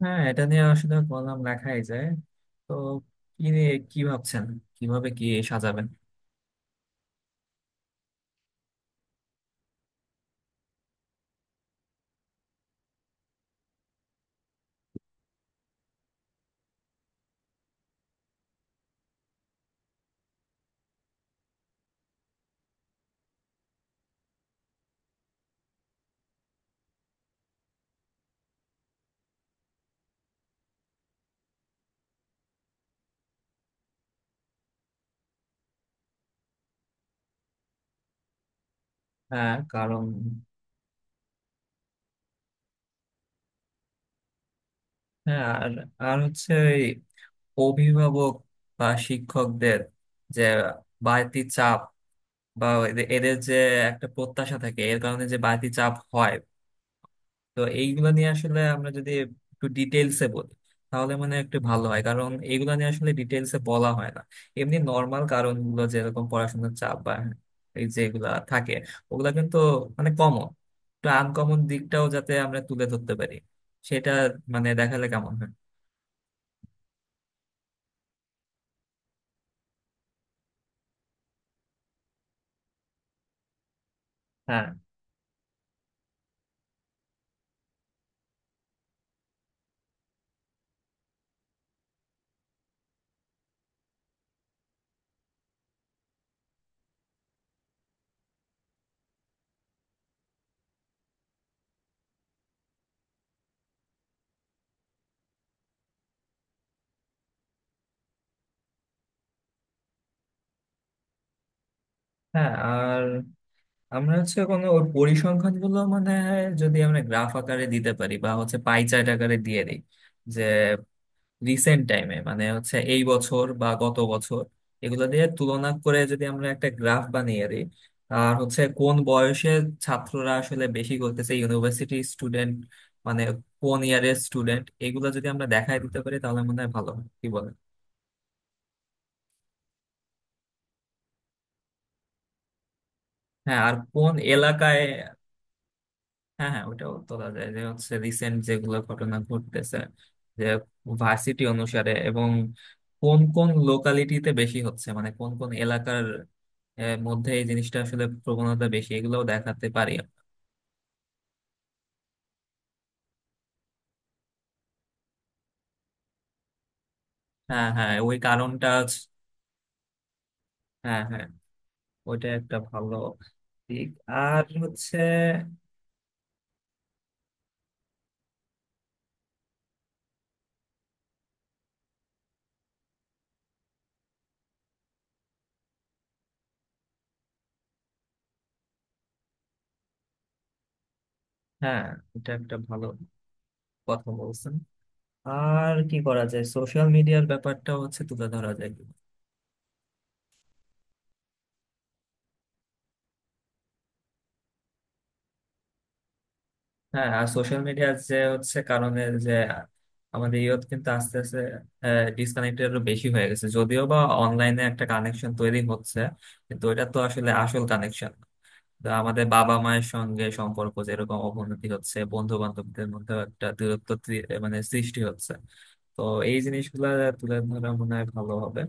হ্যাঁ, এটা নিয়ে আসলে কলাম লেখাই যায়। তো কি নিয়ে কি ভাবছেন? কিভাবে কি সাজাবেন? হ্যাঁ, কারণ। হ্যাঁ। আর আর হচ্ছে এই অভিভাবক বা শিক্ষকদের যে বাড়তি চাপ, বা এদের যে একটা প্রত্যাশা থাকে, এর কারণে যে বাড়তি চাপ হয়। তো এইগুলো নিয়ে আসলে আমরা যদি একটু ডিটেলসে বলি তাহলে মানে একটু ভালো হয়, কারণ এইগুলো নিয়ে আসলে ডিটেলসে বলা হয় না। এমনি নর্মাল কারণগুলো, যেরকম পড়াশোনার চাপ বা এই যেগুলা থাকে, ওগুলা কিন্তু মানে কমন। একটু আনকমন দিকটাও যাতে আমরা তুলে ধরতে পারি, সেটা মানে দেখালে কেমন হয়? হ্যাঁ, হ্যাঁ। আর আমরা হচ্ছে কোনো ওর পরিসংখ্যান গুলো মানে যদি আমরা গ্রাফ আকারে দিতে পারি, বা হচ্ছে পাই চার্ট আকারে দিয়ে দিই, যে রিসেন্ট টাইমে মানে হচ্ছে এই বছর বা গত বছর এগুলো দিয়ে তুলনা করে যদি আমরা একটা গ্রাফ বানিয়ে দিই। আর হচ্ছে কোন বয়সের ছাত্ররা আসলে বেশি করতেছে, ইউনিভার্সিটি স্টুডেন্ট, মানে কোন ইয়ারের স্টুডেন্ট, এগুলো যদি আমরা দেখায় দিতে পারি তাহলে মনে হয় ভালো হয়। কি বলেন? হ্যাঁ, আর কোন এলাকায়। হ্যাঁ, হ্যাঁ, ওটাও তোলা যায়, যে হচ্ছে রিসেন্ট যেগুলো ঘটনা ঘটতেছে, যে ভার্সিটি অনুসারে, এবং কোন কোন লোকালিটিতে বেশি হচ্ছে, মানে কোন কোন এলাকার মধ্যে এই জিনিসটা আসলে প্রবণতা বেশি, এগুলোও দেখাতে পারি। হ্যাঁ, হ্যাঁ, হ্যাঁ, হ্যাঁ, ওইটা একটা ভালো দিক। আর হচ্ছে। হ্যাঁ, এটা একটা ভালো কথা বলছেন। আর কি করা যায়, সোশ্যাল মিডিয়ার ব্যাপারটা হচ্ছে তুলে ধরা যায়। হ্যাঁ, আর সোশ্যাল মিডিয়ার যে হচ্ছে কারণে যে আমাদের ইয়ত কিন্তু আস্তে আস্তে ডিসকানেক্টেড আরো বেশি হয়ে গেছে, যদিও বা অনলাইনে একটা কানেকশন তৈরি হচ্ছে, কিন্তু এটা তো আসলে আসল কানেকশন। আমাদের বাবা মায়ের সঙ্গে সম্পর্ক যেরকম অবনতি হচ্ছে, বন্ধু বান্ধবদের মধ্যে একটা দূরত্ব মানে সৃষ্টি হচ্ছে। তো এই জিনিসগুলো তুলে ধরা মনে হয় ভালো হবে।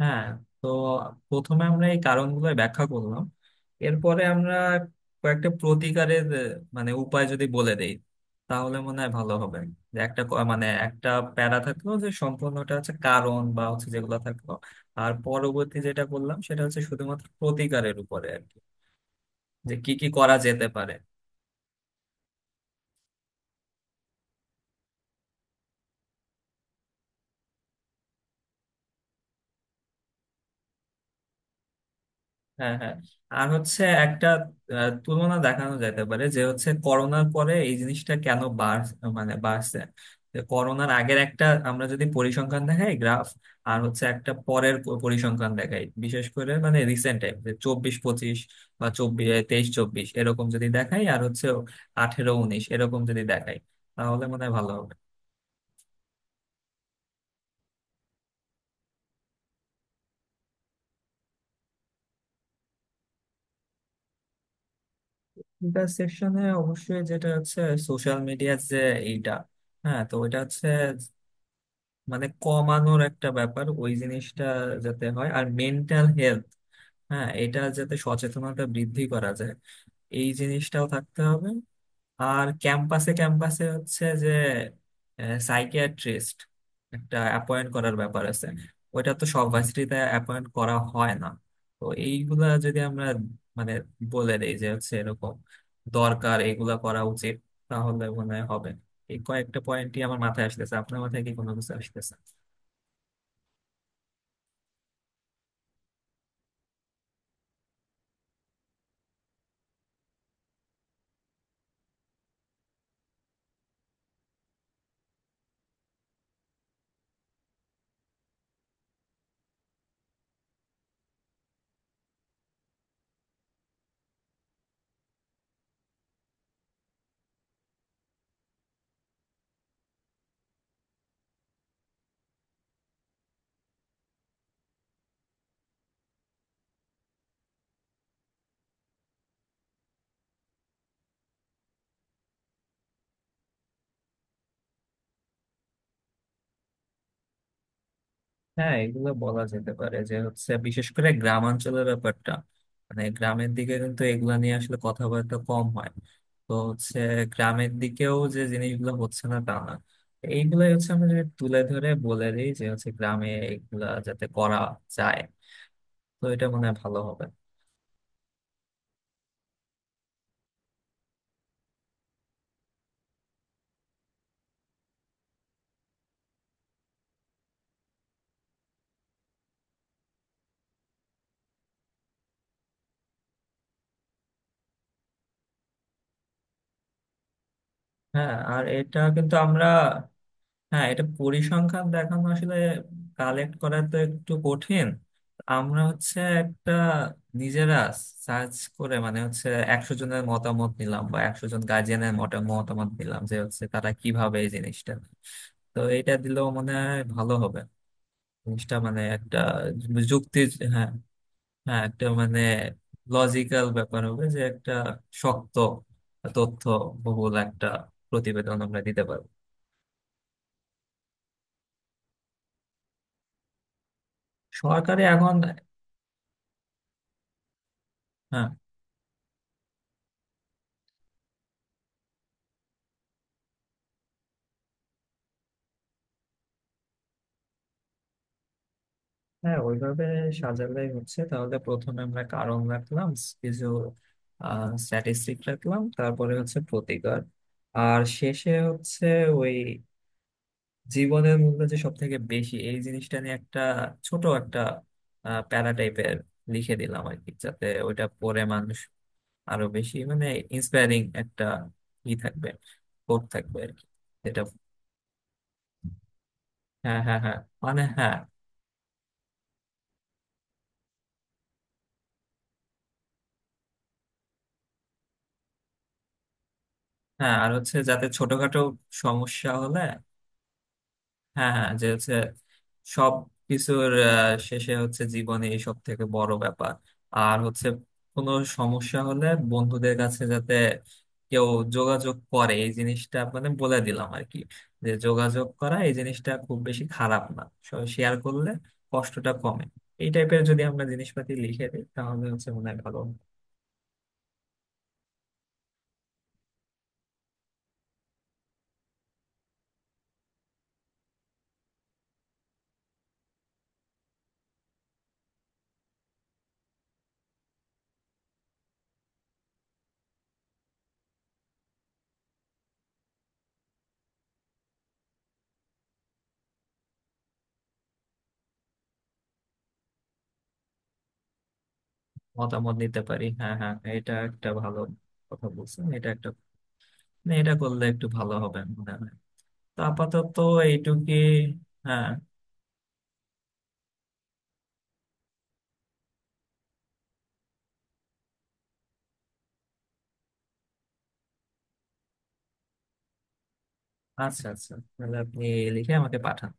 হ্যাঁ। তো প্রথমে আমরা এই কারণগুলো ব্যাখ্যা করলাম। এরপরে আমরা কয়েকটা প্রতিকারের মানে উপায় যদি বলে দেই তাহলে মনে হয় ভালো হবে। যে একটা মানে একটা প্যারা থাকলো যে সম্পূর্ণটা হচ্ছে কারণ বা হচ্ছে যেগুলো থাকলো। আর পরবর্তী যেটা বললাম সেটা হচ্ছে শুধুমাত্র প্রতিকারের উপরে আর কি, যে কি কি করা যেতে পারে। হ্যাঁ, হ্যাঁ। আর হচ্ছে একটা তুলনা দেখানো যেতে পারে, যে হচ্ছে করোনার পরে এই জিনিসটা কেন মানে বাড়ছে। যে করোনার আগের একটা আমরা যদি পরিসংখ্যান দেখাই গ্রাফ, আর হচ্ছে একটা পরের পরিসংখ্যান দেখাই, বিশেষ করে মানে রিসেন্ট টাইম, যে 24 25 বা 24 23 24 এরকম যদি দেখাই, আর হচ্ছে 18 19 এরকম যদি দেখাই, তাহলে মনে হয় ভালো হবে। ইন্টারসেকশনে অবশ্যই যেটা হচ্ছে সোশ্যাল মিডিয়ার, যে এইটা। হ্যাঁ, তো ওইটা হচ্ছে মানে কমানোর একটা ব্যাপার, ওই জিনিসটা যাতে হয়। আর মেন্টাল হেলথ। হ্যাঁ, এটা যাতে সচেতনতা বৃদ্ধি করা যায়, এই জিনিসটাও থাকতে হবে। আর ক্যাম্পাসে ক্যাম্পাসে হচ্ছে যে সাইকিয়াট্রিস্ট একটা অ্যাপয়েন্ট করার ব্যাপার আছে। ওইটা তো সব ভার্সিটিতে অ্যাপয়েন্ট করা হয় না। তো এইগুলা যদি আমরা মানে বলে দেই যে হচ্ছে এরকম দরকার, এগুলা করা উচিত, তাহলে মনে হয় হবে। এই কয়েকটা পয়েন্টই আমার মাথায় আসতেছে। আপনার মাথায় কি কোনো কিছু আসতেছে? হ্যাঁ, এগুলো বলা যেতে পারে, যে হচ্ছে বিশেষ করে গ্রামাঞ্চলের ব্যাপারটা, মানে গ্রামের দিকে কিন্তু এগুলা নিয়ে আসলে কথাবার্তা কম হয়। তো হচ্ছে গ্রামের দিকেও যে জিনিসগুলো হচ্ছে না তা না, এইগুলাই হচ্ছে। আমরা যদি তুলে ধরে বলে দিই যে হচ্ছে গ্রামে এগুলা যাতে করা যায়, তো এটা মনে হয় ভালো হবে। হ্যাঁ, আর এটা কিন্তু আমরা। হ্যাঁ, এটা পরিসংখ্যান দেখানো আসলে কালেক্ট করা তো একটু কঠিন। আমরা হচ্ছে একটা নিজেরা সার্চ করে মানে হচ্ছে 100 জনের মতামত নিলাম, বা 100 জন গার্জিয়ানের মতামত নিলাম, যে হচ্ছে তারা কিভাবে এই জিনিসটা। তো এটা দিলেও মনে হয় ভালো হবে, জিনিসটা মানে একটা যুক্তি। হ্যাঁ, হ্যাঁ, একটা মানে লজিক্যাল ব্যাপার হবে, যে একটা শক্ত তথ্য বহুল একটা প্রতিবেদন আমরা দিতে পারবো। সরকারি এখন। হ্যাঁ, হ্যাঁ, ওইভাবে সাজালেই হচ্ছে। তাহলে প্রথমে আমরা কারণ রাখলাম, কিছু স্ট্যাটিস্টিক রাখলাম, তারপরে হচ্ছে প্রতিকার, আর শেষে হচ্ছে ওই জীবনের মূল্য যে সব থেকে বেশি, এই জিনিসটা নিয়ে একটা ছোট একটা প্যারা টাইপের লিখে দিলাম আর কি, যাতে ওইটা পড়ে মানুষ আরো বেশি মানে ইন্সপায়ারিং একটা ই থাকবে, কোট থাকবে আর কি, এটা। হ্যাঁ, হ্যাঁ, হ্যাঁ, মানে হ্যাঁ। হ্যাঁ, আর হচ্ছে যাতে ছোটখাটো সমস্যা হলে। হ্যাঁ, হ্যাঁ, যে হচ্ছে সব কিছুর শেষে হচ্ছে জীবনে এই সব থেকে বড় ব্যাপার। আর হচ্ছে কোনো সমস্যা হলে বন্ধুদের কাছে যাতে কেউ যোগাযোগ করে, এই জিনিসটা মানে বলে দিলাম আর কি, যে যোগাযোগ করা এই জিনিসটা খুব বেশি খারাপ না। শেয়ার করলে কষ্টটা কমে। এই টাইপের যদি আমরা জিনিসপাতি লিখে দিই তাহলে হচ্ছে মনে হয় ভালো। মতামত নিতে পারি, হ্যাঁ, হ্যাঁ, এটা একটা ভালো কথা বলছেন। এটা একটা, না, এটা করলে একটু ভালো হবে মনে হয়। তো আপাতত এইটুকুই। হ্যাঁ, আচ্ছা, আচ্ছা, তাহলে আপনি লিখে আমাকে পাঠান।